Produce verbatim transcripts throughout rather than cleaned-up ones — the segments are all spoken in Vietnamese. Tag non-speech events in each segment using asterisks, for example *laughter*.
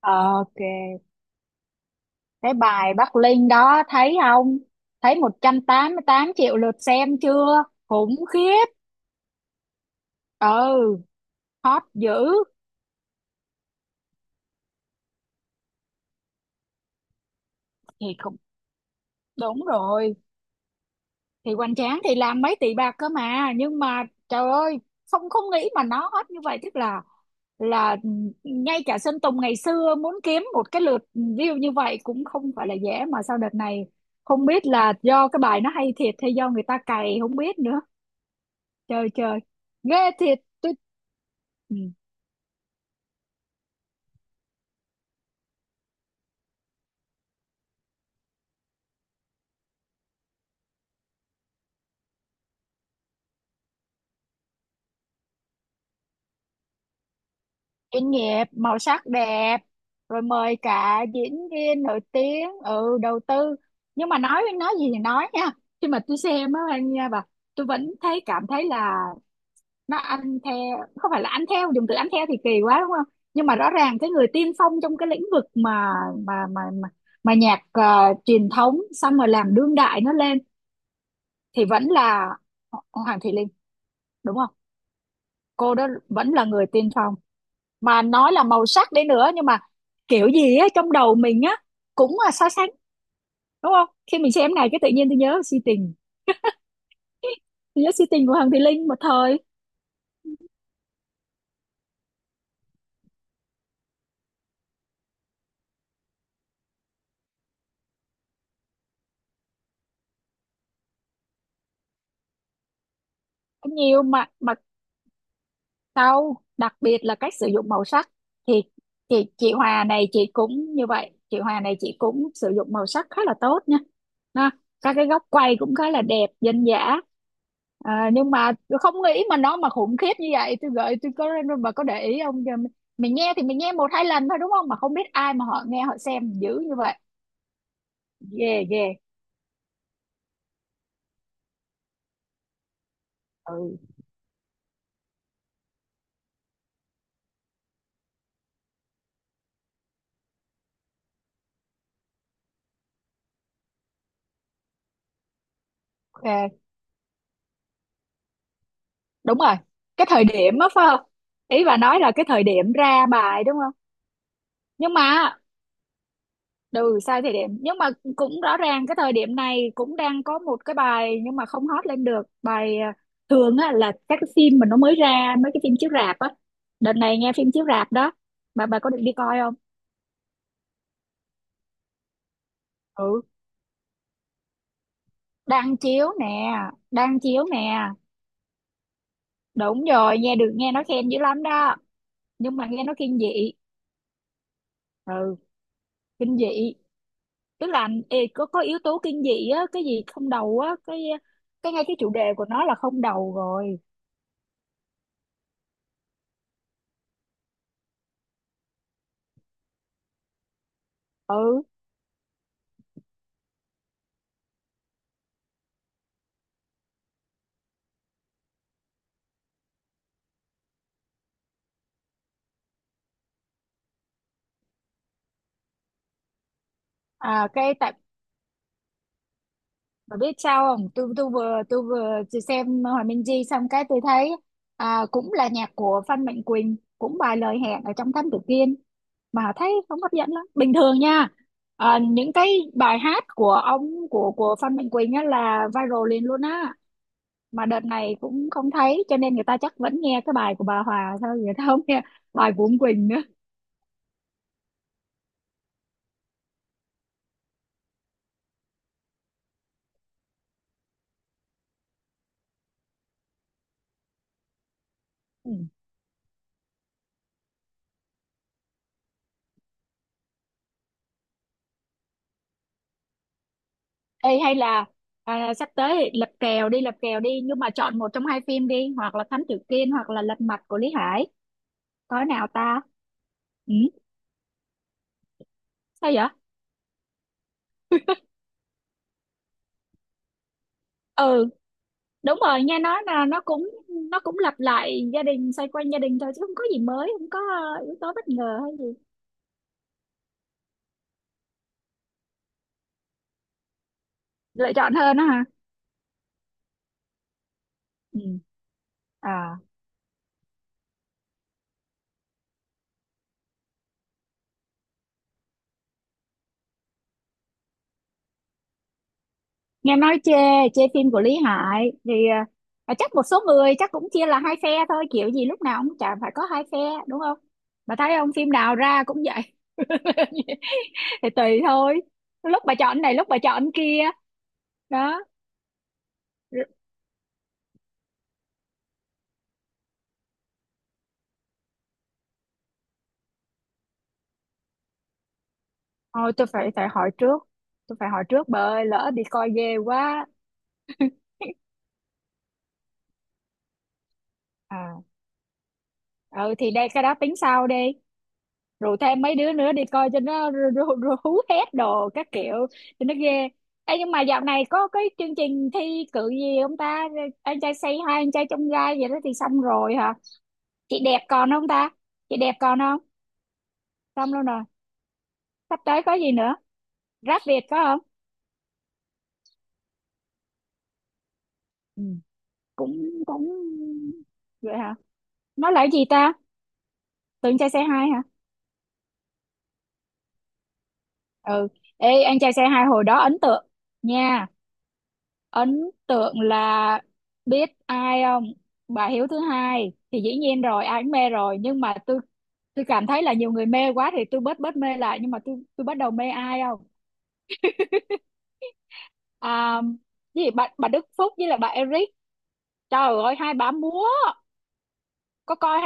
Ờ, Ok, cái bài Bắc Linh đó thấy không? Thấy một trăm tám mươi tám triệu lượt xem chưa? Khủng khiếp. Ừ, hot dữ. Thì cũng đúng rồi. Thì Hoành Tráng thì làm mấy tỷ bạc cơ mà, nhưng mà trời ơi, không không nghĩ mà nó hot như vậy, tức là là ngay cả Sơn Tùng ngày xưa muốn kiếm một cái lượt view như vậy cũng không phải là dễ, mà sau đợt này không biết là do cái bài nó hay thiệt hay do người ta cày, không biết nữa. Trời trời, ghê thiệt. Tôi Ừ. Chuyên nghiệp, màu sắc đẹp, rồi mời cả diễn viên nổi tiếng, ừ đầu tư. Nhưng mà nói nói gì thì nói nha, khi mà tôi xem á anh nha bà, tôi vẫn thấy, cảm thấy là nó ăn theo. Không phải là ăn theo, dùng từ ăn theo thì kỳ quá, đúng không, nhưng mà rõ ràng cái người tiên phong trong cái lĩnh vực mà mà mà mà, mà nhạc ờ, truyền thống xong rồi làm đương đại nó lên, thì vẫn là Ho- Hoàng Thùy Linh, đúng không? Cô đó vẫn là người tiên phong, mà nói là màu sắc đấy nữa, nhưng mà kiểu gì á, trong đầu mình á cũng là so sánh, đúng không? Khi mình xem này cái tự nhiên tôi nhớ si tình tôi nhớ si tình của Hằng Thị Linh một thời. Nhiều mà mà sau, đặc biệt là cách sử dụng màu sắc, thì thì chị Hòa này chị cũng như vậy, chị Hòa này chị cũng sử dụng màu sắc khá là tốt nha, ha. Các cái góc quay cũng khá là đẹp, dân dã. À, nhưng mà tôi không nghĩ mà nó mà khủng khiếp như vậy. Tôi gợi tôi có, bà có để ý không? Giờ mình, mình nghe thì mình nghe một hai lần thôi, đúng không? Mà không biết ai mà họ nghe, họ xem dữ như vậy. Ghê ghê. Ừ, ok, đúng rồi. Cái thời điểm á, phải không? Ý bà nói là cái thời điểm ra bài đúng không? Nhưng mà Ừ, sai thời điểm. Nhưng mà cũng rõ ràng cái thời điểm này cũng đang có một cái bài nhưng mà không hot lên được bài à, thường á, là các cái phim mà nó mới ra, mấy cái phim chiếu rạp á, đợt này nghe phim chiếu rạp đó, bà bà có định đi coi không? Ừ, đang chiếu nè, đang chiếu nè. Đúng rồi, nghe được, nghe nó khen dữ lắm đó. Nhưng mà nghe nó kinh dị. Ừ, kinh dị, tức là ê, có có yếu tố kinh dị á, cái gì không đầu á, cái cái ngay cái chủ đề của nó là không đầu rồi. Ừ. à, cái tại Bà biết sao không? Tôi tôi vừa tôi vừa chỉ xem Hòa Minh Di xong cái tôi thấy à, cũng là nhạc của Phan Mạnh Quỳnh, cũng bài lời hẹn ở trong Thám Tử Kiên, mà thấy không hấp dẫn lắm. Bình thường nha. À, những cái bài hát của ông của của Phan Mạnh Quỳnh á là viral liền luôn á. Mà đợt này cũng không thấy, cho nên người ta chắc vẫn nghe cái bài của bà Hòa thôi, người ta không nghe bài của ông Quỳnh nữa. Ê, hay là à, sắp tới thì Lật Kèo đi, Lật Kèo đi, nhưng mà chọn một trong hai phim đi, hoặc là Thám Tử Kiên, hoặc là Lật Mặt của Lý Hải, coi nào ta. Ừ, sao vậy? Ừ, đúng rồi, nghe nói là nó cũng nó cũng lặp lại gia đình, xoay quanh gia đình thôi, chứ không có gì mới, không có ờ, yếu tố bất ngờ hay gì. Lựa chọn hơn đó hả? Ừ. À, nghe nói chê, chê phim của Lý Hải thì ờ, chắc một số người chắc cũng chia là hai phe thôi, kiểu gì lúc nào cũng chả phải có hai phe, đúng không? Mà thấy không, phim nào ra cũng vậy. *laughs* Thì tùy thôi, lúc bà chọn này, lúc bà chọn kia. Đó. R- Thôi tôi phải phải hỏi trước, tôi phải hỏi trước bà ơi, lỡ đi coi ghê quá. À, ừ thì đây, cái đó tính sau đi. Rủ thêm mấy đứa nữa đi coi cho nó ru- ru- ru- hú hét đồ các kiểu, cho nó ghê. Ê, nhưng mà dạo này có cái chương trình thi cử gì không ta, anh trai say hi, anh trai trong gai vậy đó, thì xong rồi hả? Chị đẹp còn không ta? Chị đẹp còn không? Xong luôn rồi. Sắp tới có gì nữa? Rap Việt có không? Ừ. cũng cũng vậy hả? Nó là cái gì ta? Tưởng trai xe hai hả? Ừ, ê anh trai xe hai hồi đó ấn tượng nha. Ấn tượng là biết ai không? Bà Hiếu thứ hai thì dĩ nhiên rồi, ai cũng mê rồi, nhưng mà tôi tôi cảm thấy là nhiều người mê quá thì tôi bớt bớt mê lại, nhưng mà tôi tôi bắt đầu mê ai không? À, cái gì bà, bà Đức Phúc với là bà Eric, trời ơi hai bà múa. Có coi,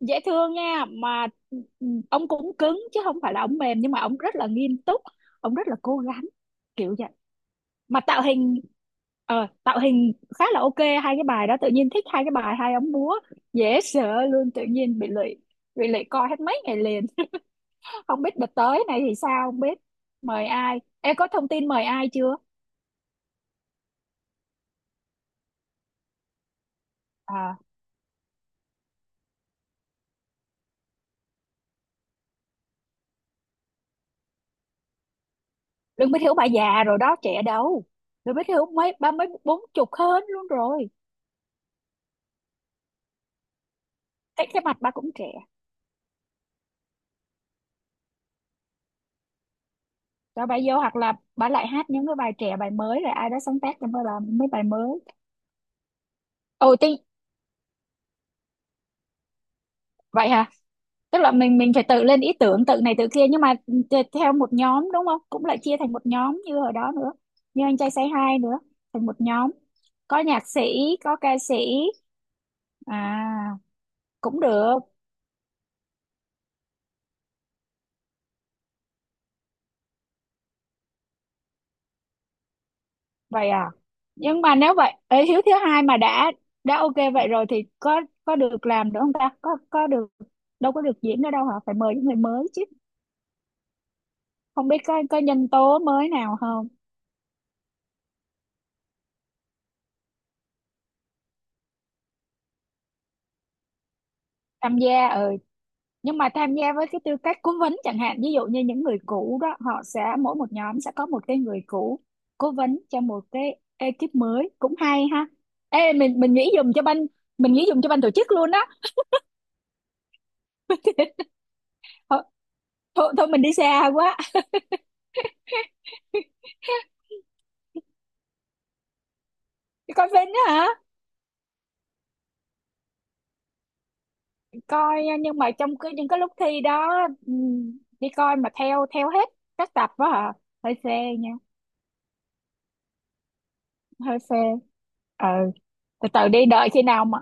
dễ thương nha mà. Ừ, ông cũng cứng chứ không phải là ông mềm, nhưng mà ông rất là nghiêm túc, ông rất là cố gắng, kiểu vậy. Mà tạo hình, ờ, tạo hình khá là ok, hai cái bài đó tự nhiên thích, hai cái bài hai ông múa, dễ sợ luôn, tự nhiên bị lụy, bị lụy coi hết mấy ngày liền. Không biết đợt tới này thì sao, không biết mời ai. Em có thông tin mời ai chưa? À, đừng biết hiểu, bà già rồi đó trẻ đâu, đừng biết hiểu, mấy ba mấy bốn chục hơn luôn rồi. cái cái mặt bà cũng trẻ. Rồi bà vô, hoặc là bà lại hát những cái bài trẻ, bài mới, rồi ai đó sáng tác cho bà làm mấy bài mới. Ồ tin. Vậy hả? Tức là mình mình phải tự lên ý tưởng, tự này tự kia, nhưng mà t- theo một nhóm đúng không, cũng lại chia thành một nhóm như hồi đó nữa, như anh trai say hi nữa, thành một nhóm, có nhạc sĩ, có ca sĩ. À, cũng được. Vậy à? Nhưng mà nếu vậy ấy, Hiếu thứ hai mà đã đã ok vậy rồi thì có có được làm nữa không ta, có có được, đâu có được diễn nữa đâu hả, phải mời những người mới chứ. Không biết có có nhân tố mới nào không. Tham gia, ừ, nhưng mà tham gia với cái tư cách cố vấn chẳng hạn, ví dụ như những người cũ đó họ sẽ mỗi một nhóm sẽ có một cái người cũ cố vấn cho một cái ekip mới, cũng hay ha. Ê mình mình nghĩ dùng cho ban, mình nghĩ dùng cho ban tổ chức luôn đó. *laughs* Thôi, thôi thôi mình đi xa quá. *laughs* Đi coi phim đó hả? Coi nhưng mà trong cái những cái lúc thi đó, ừm, đi coi mà theo theo hết các tập đó hả? Hơi phê nha. Hơi phê. Ừ, từ từ đi, đợi khi nào mà,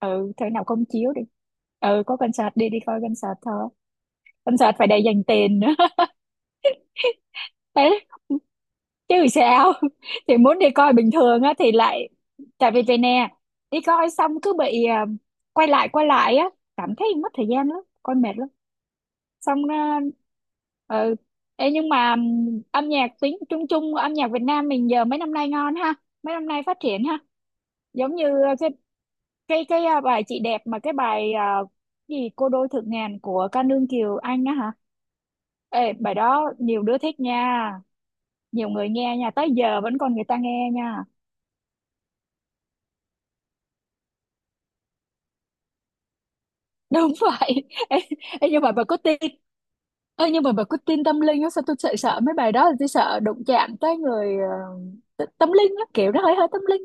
ừ khi nào công chiếu đi. Ừ, có concert đi, đi coi concert thôi. Concert phải để dành tiền nữa. *laughs* Đấy, chứ sao. *laughs* Thì muốn đi coi bình thường á thì lại, tại vì vậy nè, đi coi xong cứ bị à, quay lại, quay lại á, cảm thấy mất thời gian lắm, coi mệt lắm. Xong à, ừ. Ê, nhưng mà ừm, âm nhạc tiếng chung chung, âm nhạc Việt Nam mình giờ mấy năm nay ngon ha, mấy năm nay phát triển ha. Giống như ờ, cái cái cái à, bài chị đẹp, mà cái bài à, gì cô đôi thượng ngàn của ca nương Kiều Anh á hả. Ê, bài đó nhiều đứa thích nha, nhiều người nghe nha, tới giờ vẫn còn người ta nghe nha. Đúng vậy. *laughs* ê, ê, nhưng mà bà có tin Ê, nhưng mà bà có tin tâm linh á, sao tôi sợ sợ mấy bài đó, tôi sợ đụng chạm tới người ờ, t- tâm linh á, kiểu nó hơi hơi tâm linh,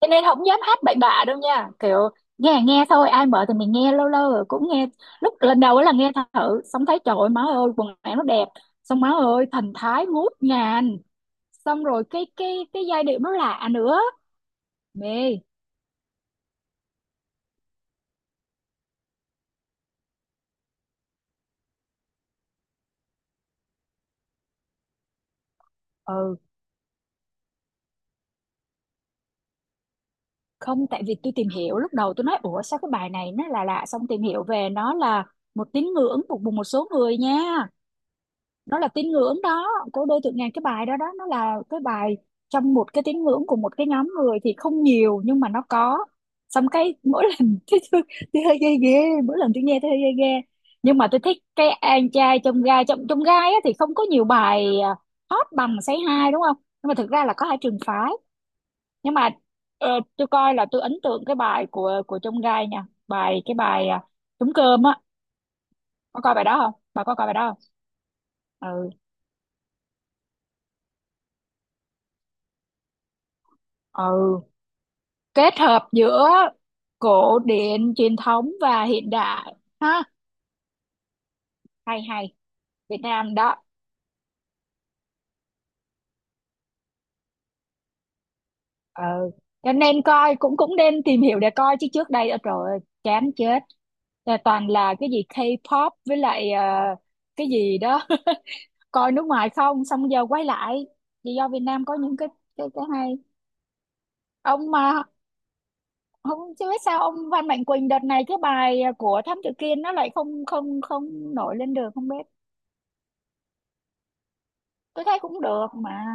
cho nên không dám hát bậy bạ đâu nha, kiểu nghe nghe thôi, ai mở thì mình nghe, lâu lâu rồi cũng nghe. Lúc lần đầu ấy là nghe thử xong thấy trời ơi, má ơi quần áo nó đẹp, xong má ơi thần thái ngút ngàn, xong rồi cái cái cái giai điệu nó lạ nữa. Mê. Ừ không, tại vì tôi tìm hiểu, lúc đầu tôi nói ủa sao cái bài này nó là lạ lạ? Xong tìm hiểu về nó là một tín ngưỡng phục vụ một số người nha, nó là tín ngưỡng đó. Cô đơn tượng ngàn, cái bài đó đó nó là cái bài trong một cái tín ngưỡng của một cái nhóm người thì không nhiều nhưng mà nó có. Xong cái mỗi lần *laughs* tôi, tôi, tôi hơi ghê ghê, mỗi lần tôi nghe tôi hơi ghê ghê. Nhưng mà tôi thích cái anh trai trong gai, trong trong gai á, thì không có nhiều bài à, hot bằng Say Hi đúng không. Nhưng mà thực ra là có hai trường phái. Nhưng mà ờ, tôi coi là tôi ấn tượng cái bài của của trong gai nha, bài cái bài à, trống cơm á. Có coi bài đó không, bà có coi bài đó không? Ừ, ừ, kết hợp giữa cổ điển truyền thống và hiện đại. Ha, hay hay. Việt Nam đó. Ừ. Cho nên coi cũng cũng nên tìm hiểu để coi chứ trước đây rồi chán chết. Là toàn là cái gì K-pop với lại ờ, cái gì đó. *laughs* Coi nước ngoài không, xong giờ quay lại vì do Việt Nam có những cái, cái, cái hay. Ông mà không, chứ biết sao ông Phan Mạnh Quỳnh đợt này cái bài của Thám Tử Kiên nó lại không không không nổi lên được, không biết. Tôi thấy cũng được mà.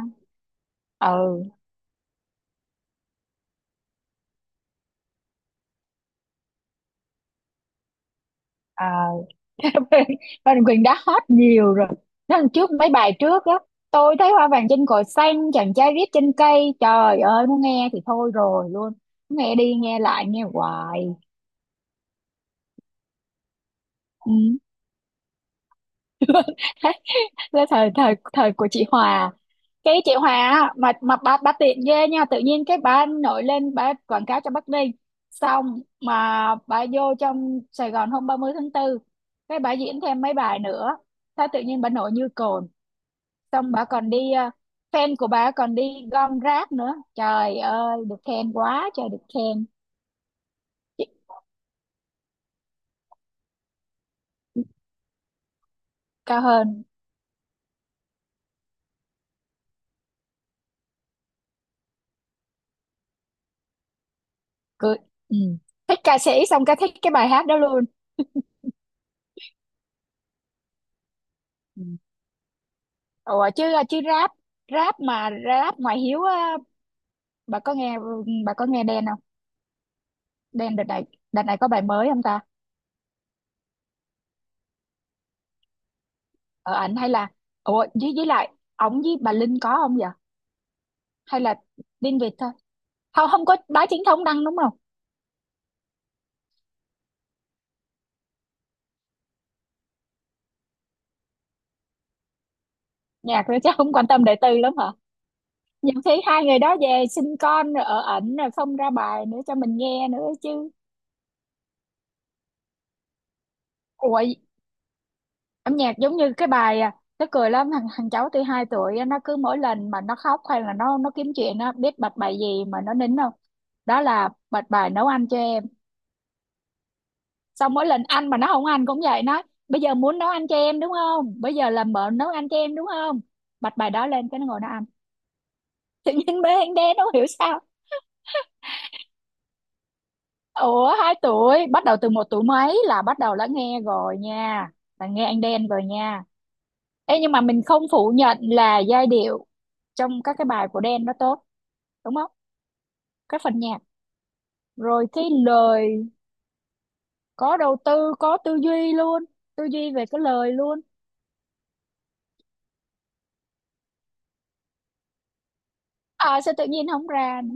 Ừ, à, *laughs* Phan Đình Quyền đã hot nhiều rồi, nó lần trước mấy bài trước á, tôi thấy hoa vàng trên cỏ xanh, chàng trai viết trên cây, trời ơi muốn nghe thì thôi rồi luôn, nghe đi nghe lại nghe hoài. Ừ. *laughs* Thế thời thời thời của chị Hòa, cái chị Hòa á, mà mà bà bà tiện ghê nha, tự nhiên cái bà nổi lên bà quảng cáo cho Bắc Ninh, xong mà bà vô trong Sài Gòn hôm ba mươi tháng tư, cái bà diễn thêm mấy bài nữa, sao tự nhiên bà nổi như cồn. Xong bà còn đi ờ, fan của bà còn đi gom rác nữa, trời ơi được khen quá trời được khen. Chị- cao hơn, cười. Ừ. Thích ca sĩ xong cái thích cái bài hát đó luôn. Ừ. Ủa chứ ờ, chứ rap, rap mà rap ngoại hiếu á, bà có nghe, ừ, bà có nghe Đen không? Đen đợt này, đợt này có bài mới không ta? Ở ảnh hay là, ủa với với lại ổng với bà Linh có không vậy? Hay là Đinh Việt thôi, không không có báo chính thống đăng đúng không? Nhạc nữa chắc không quan tâm đời tư lắm hả? Nhiều khi hai người đó về sinh con rồi ở ẩn rồi không ra bài nữa cho mình nghe nữa chứ. Ủa, âm nhạc giống như cái bài à, nó cười lắm, thằng thằng cháu tôi hai tuổi á, nó cứ mỗi lần mà nó khóc hay là nó nó kiếm chuyện, nó biết bật bài gì mà nó nín không? Đó là bật bài nấu ăn cho em. Xong mỗi lần ăn mà nó không ăn cũng vậy, nói bây giờ muốn nấu ăn cho em đúng không, bây giờ làm mợ nấu ăn cho em đúng không, bật bài đó lên cái nó ngồi nó ăn. Tự nhiên bé anh đen, nó không hiểu sao. Ủa hai tuổi, bắt đầu từ một tuổi mấy là bắt đầu đã nghe rồi nha, là nghe anh Đen rồi nha. Ê nhưng mà mình không phủ nhận là giai điệu trong các cái bài của Đen nó tốt, đúng không? Cái phần nhạc, rồi cái lời, có đầu tư có tư duy luôn, tư duy về cái lời luôn. À sao tự nhiên không ra nữa?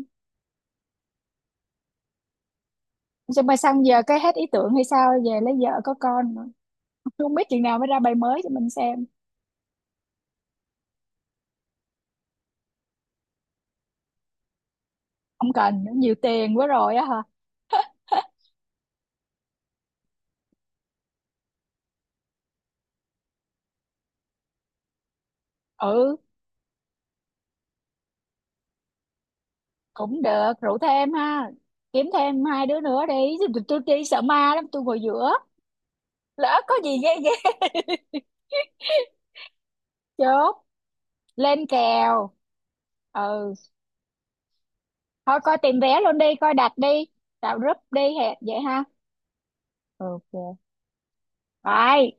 Sao mà sang giờ cái hết ý tưởng hay sao, về lấy vợ có con nữa. Không biết chừng nào mới ra bài mới cho mình xem. Không cần nhiều tiền quá rồi á hả? Ừ, cũng được, rủ thêm ha, kiếm thêm hai đứa nữa đi. tôi, tôi, tôi đi sợ ma lắm, tôi ngồi giữa lỡ có gì ghê ghê. *laughs* Chốt, lên kèo. Ừ, thôi coi tìm vé luôn đi, coi đặt đi, tạo group đi hè- vậy ha. Ok rồi.